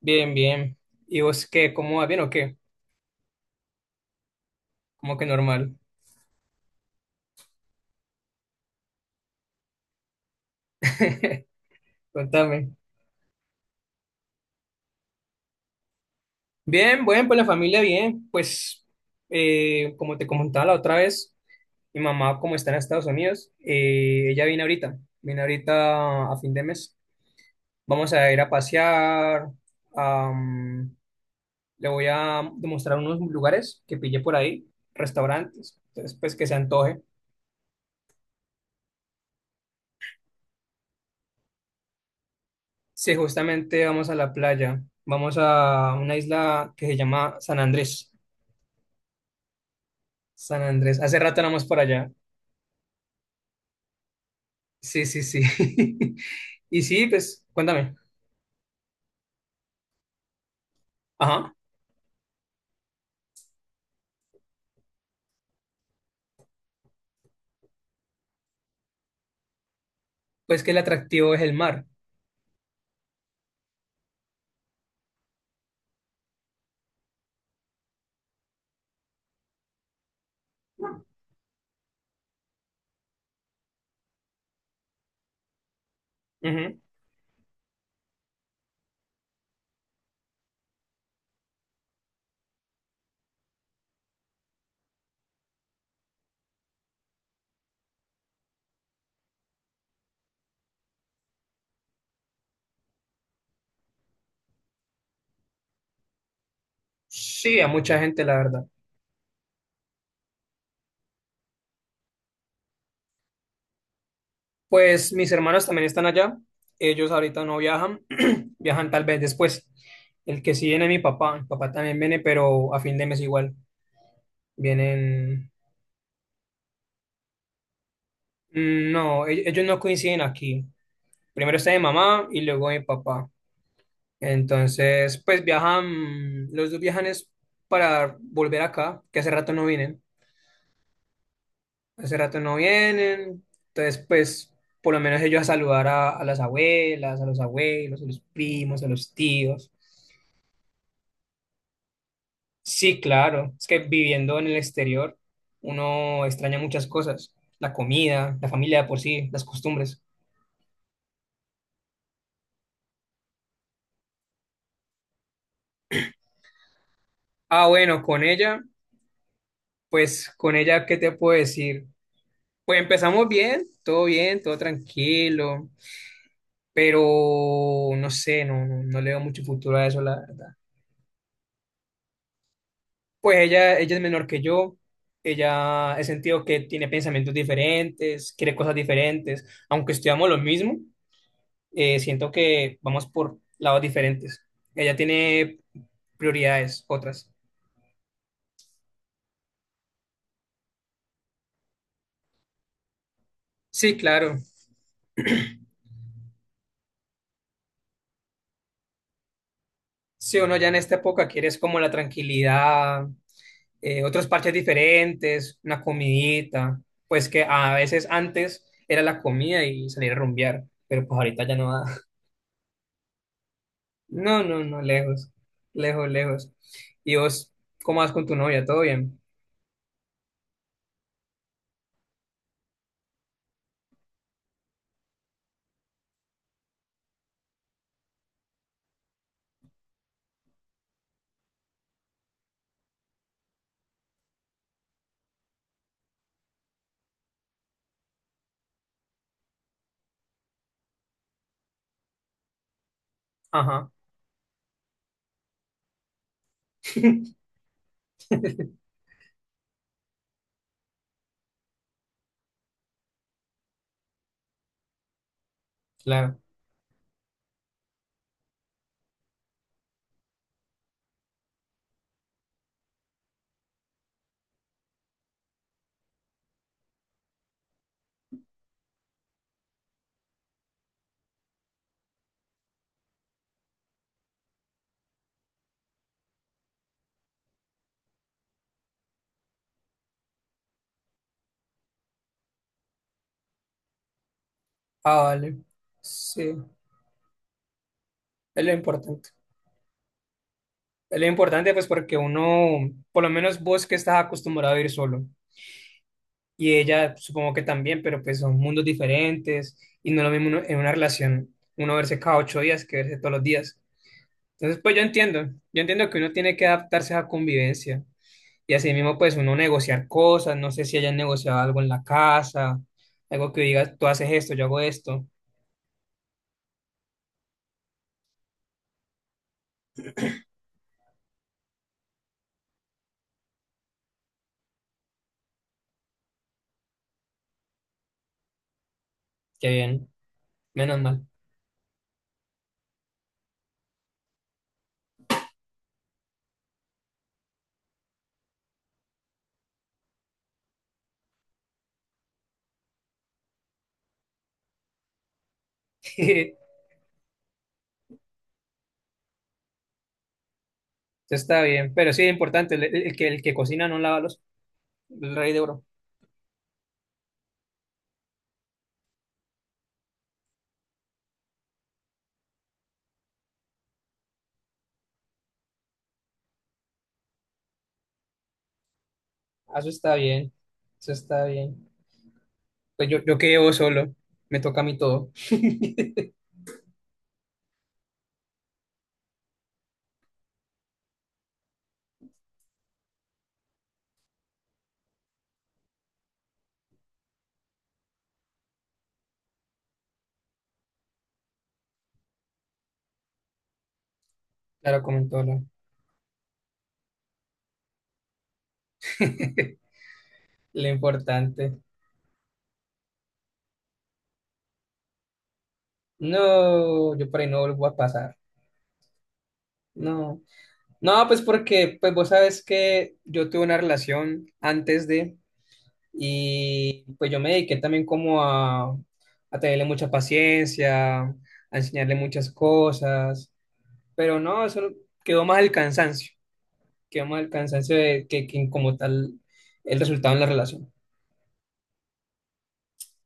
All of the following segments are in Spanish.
Bien, bien. ¿Y vos qué? ¿Cómo va? ¿Bien o qué? ¿Cómo que normal? Contame. Bien, bueno, pues la familia bien. Pues como te comentaba la otra vez, mi mamá como está en Estados Unidos, ella viene ahorita a fin de mes. Vamos a ir a pasear, am, le voy a demostrar unos lugares que pillé por ahí, restaurantes, entonces pues que se antoje. Sí, justamente vamos a la playa. Vamos a una isla que se llama San Andrés. San Andrés. Hace rato no vamos por allá. Sí, sí, sí. Y sí, pues, cuéntame. Ajá. Pues que el atractivo es el mar. Ujú. Sí, a mucha gente, la verdad. Pues mis hermanos también están allá. Ellos ahorita no viajan. Viajan tal vez después. El que sí viene es mi papá. Mi papá también viene, pero a fin de mes igual. Vienen. No, ellos no coinciden aquí. Primero está mi mamá y luego mi papá. Entonces, pues viajan, los dos viajan es para volver acá, que hace rato no vienen. Hace rato no vienen. Entonces, pues, por lo menos ellos a saludar a las abuelas, a los abuelos, a los primos, a los tíos. Sí, claro, es que viviendo en el exterior, uno extraña muchas cosas. La comida, la familia de por sí, las costumbres. Ah, bueno, con ella, pues, con ella, ¿qué te puedo decir? Pues empezamos bien, todo tranquilo, pero no sé, no, no, no le veo mucho futuro a eso, la verdad. Pues ella es menor que yo, ella he sentido que tiene pensamientos diferentes, quiere cosas diferentes, aunque estudiamos lo mismo, siento que vamos por lados diferentes. Ella tiene prioridades otras. Sí, claro. Si uno ya en esta época quieres como la tranquilidad, otros parches diferentes, una comidita, pues que a veces antes era la comida y salir a rumbear, pero pues ahorita ya no da. No, no, no, lejos, lejos, lejos. ¿Y vos cómo vas con tu novia? ¿Todo bien? Ajá, claro. Ah, vale. Sí, es lo importante. Lo importante, pues, porque uno, por lo menos vos que estás acostumbrado a ir solo, y ella supongo que también, pero pues son mundos diferentes, y no es lo mismo uno- en una relación, uno verse cada 8 días que verse todos los días. Entonces, pues yo entiendo que uno tiene que adaptarse a la convivencia, y así mismo, pues, uno negociar cosas, no sé si hayan negociado algo en la casa, algo que digas, tú haces esto, yo hago esto, qué bien, menos mal. Entonces está bien, pero sí, importante, el que cocina no lava los, el rey de oro. Ah, eso está bien, eso está bien. Pues yo que llevo solo, me toca a mí todo. Claro, comentó lo, lo importante. No, yo por ahí no vuelvo a pasar. No, no, pues porque, pues vos sabes que yo tuve una relación antes de, y pues yo me dediqué también como a tenerle mucha paciencia, a enseñarle muchas cosas, pero no, eso quedó más el cansancio. Queda más el cansancio de que como tal el resultado en la relación.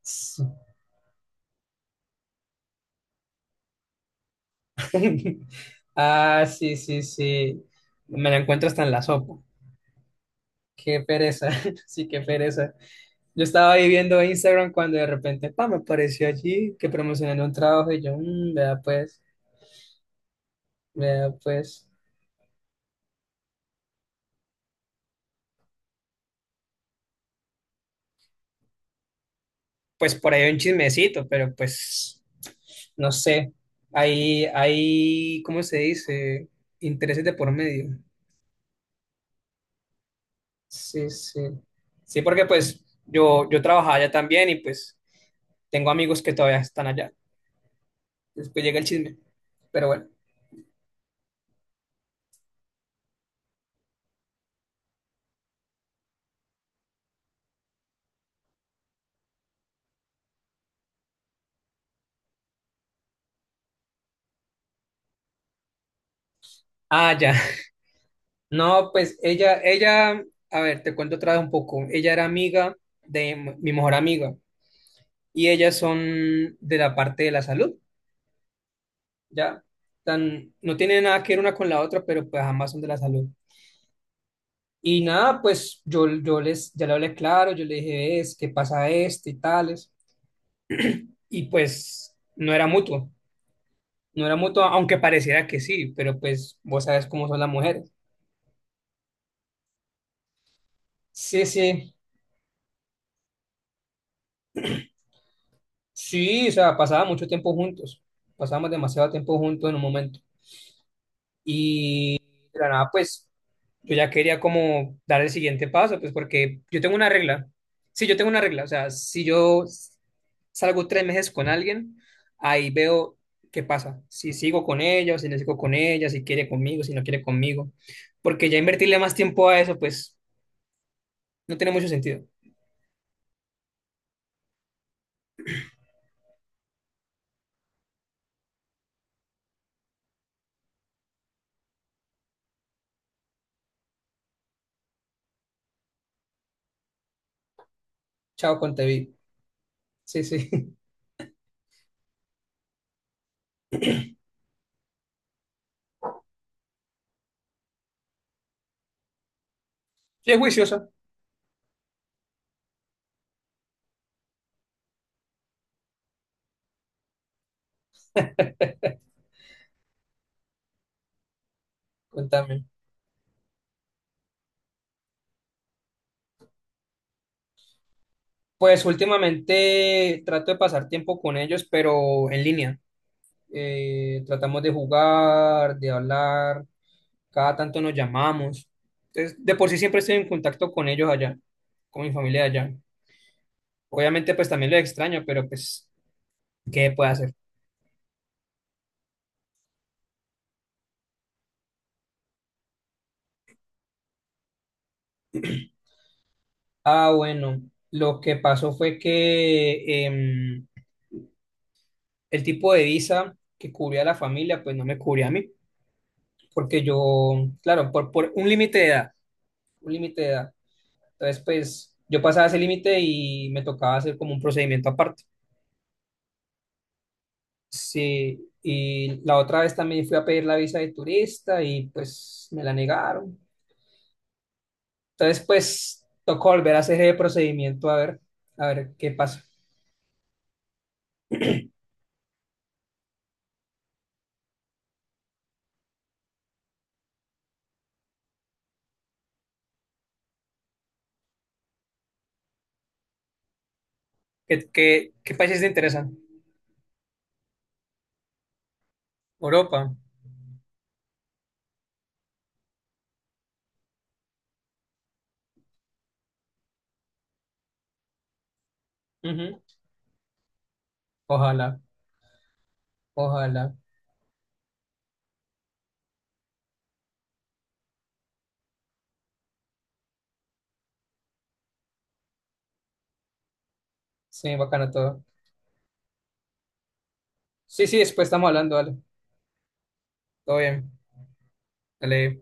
Sí. Ah, sí, sí, sí. Me la encuentro hasta en la sopa. Qué pereza, sí, qué pereza. Yo estaba ahí viendo Instagram cuando de repente, pa, me apareció allí que promocionando un trabajo y yo, vea pues, vea pues. Pues por ahí un chismecito, pero pues, no sé. Hay, ¿cómo se dice? Intereses de por medio. Sí, sí. Sí, porque pues yo, trabajaba allá también y pues tengo amigos que todavía están allá. Después llega el chisme. Pero bueno. Ah, ya. No, pues ella, a ver, te cuento otra vez un poco. Ella era amiga de mi mejor amiga y ellas son de la parte de la salud, ¿ya? Tan, no tiene nada que ver una con la otra, pero pues ambas son de la salud. Y nada, pues yo, ya le hablé claro, yo le dije, es, ¿qué pasa esto y tales? Y pues no era mutuo. No era mutuo, aunque pareciera que sí, pero pues vos sabes cómo son las mujeres. Sí, sí, sí, o sea, pasaba mucho tiempo juntos, pasábamos demasiado tiempo juntos en un momento. Y de la nada, pues yo ya quería como dar el siguiente paso, pues porque yo tengo una regla. Sí, yo tengo una regla, o sea, si yo salgo 3 meses con alguien, ahí veo qué pasa, si sigo con ella, o si no sigo con ella, si quiere conmigo, si no quiere conmigo, porque ya invertirle más tiempo a eso, pues no tiene mucho sentido. Chao Contevi. Sí, sí. Sí, es juiciosa. Contame. Pues últimamente trato de pasar tiempo con ellos, pero en línea. Tratamos de jugar, de hablar. Cada tanto nos llamamos. Entonces, de por sí siempre estoy en contacto con ellos allá, con mi familia allá. Obviamente, pues también lo extraño, pero pues, ¿qué puede hacer? Ah, bueno, lo que pasó fue que el tipo de visa que cubría a la familia, pues no me cubría a mí. Porque yo, claro, por un límite de edad, un límite de edad. Entonces, pues yo pasaba ese límite y me tocaba hacer como un procedimiento aparte. Sí, y la otra vez también fui a pedir la visa de turista y pues me la negaron. Entonces, pues tocó volver a hacer ese procedimiento a ver qué pasa. ¿Qué países te interesan? Europa. Ujú. Ojalá, ojalá. Sí, bacana todo. Sí, sí, después estamos hablando, dale. Todo bien. Dale.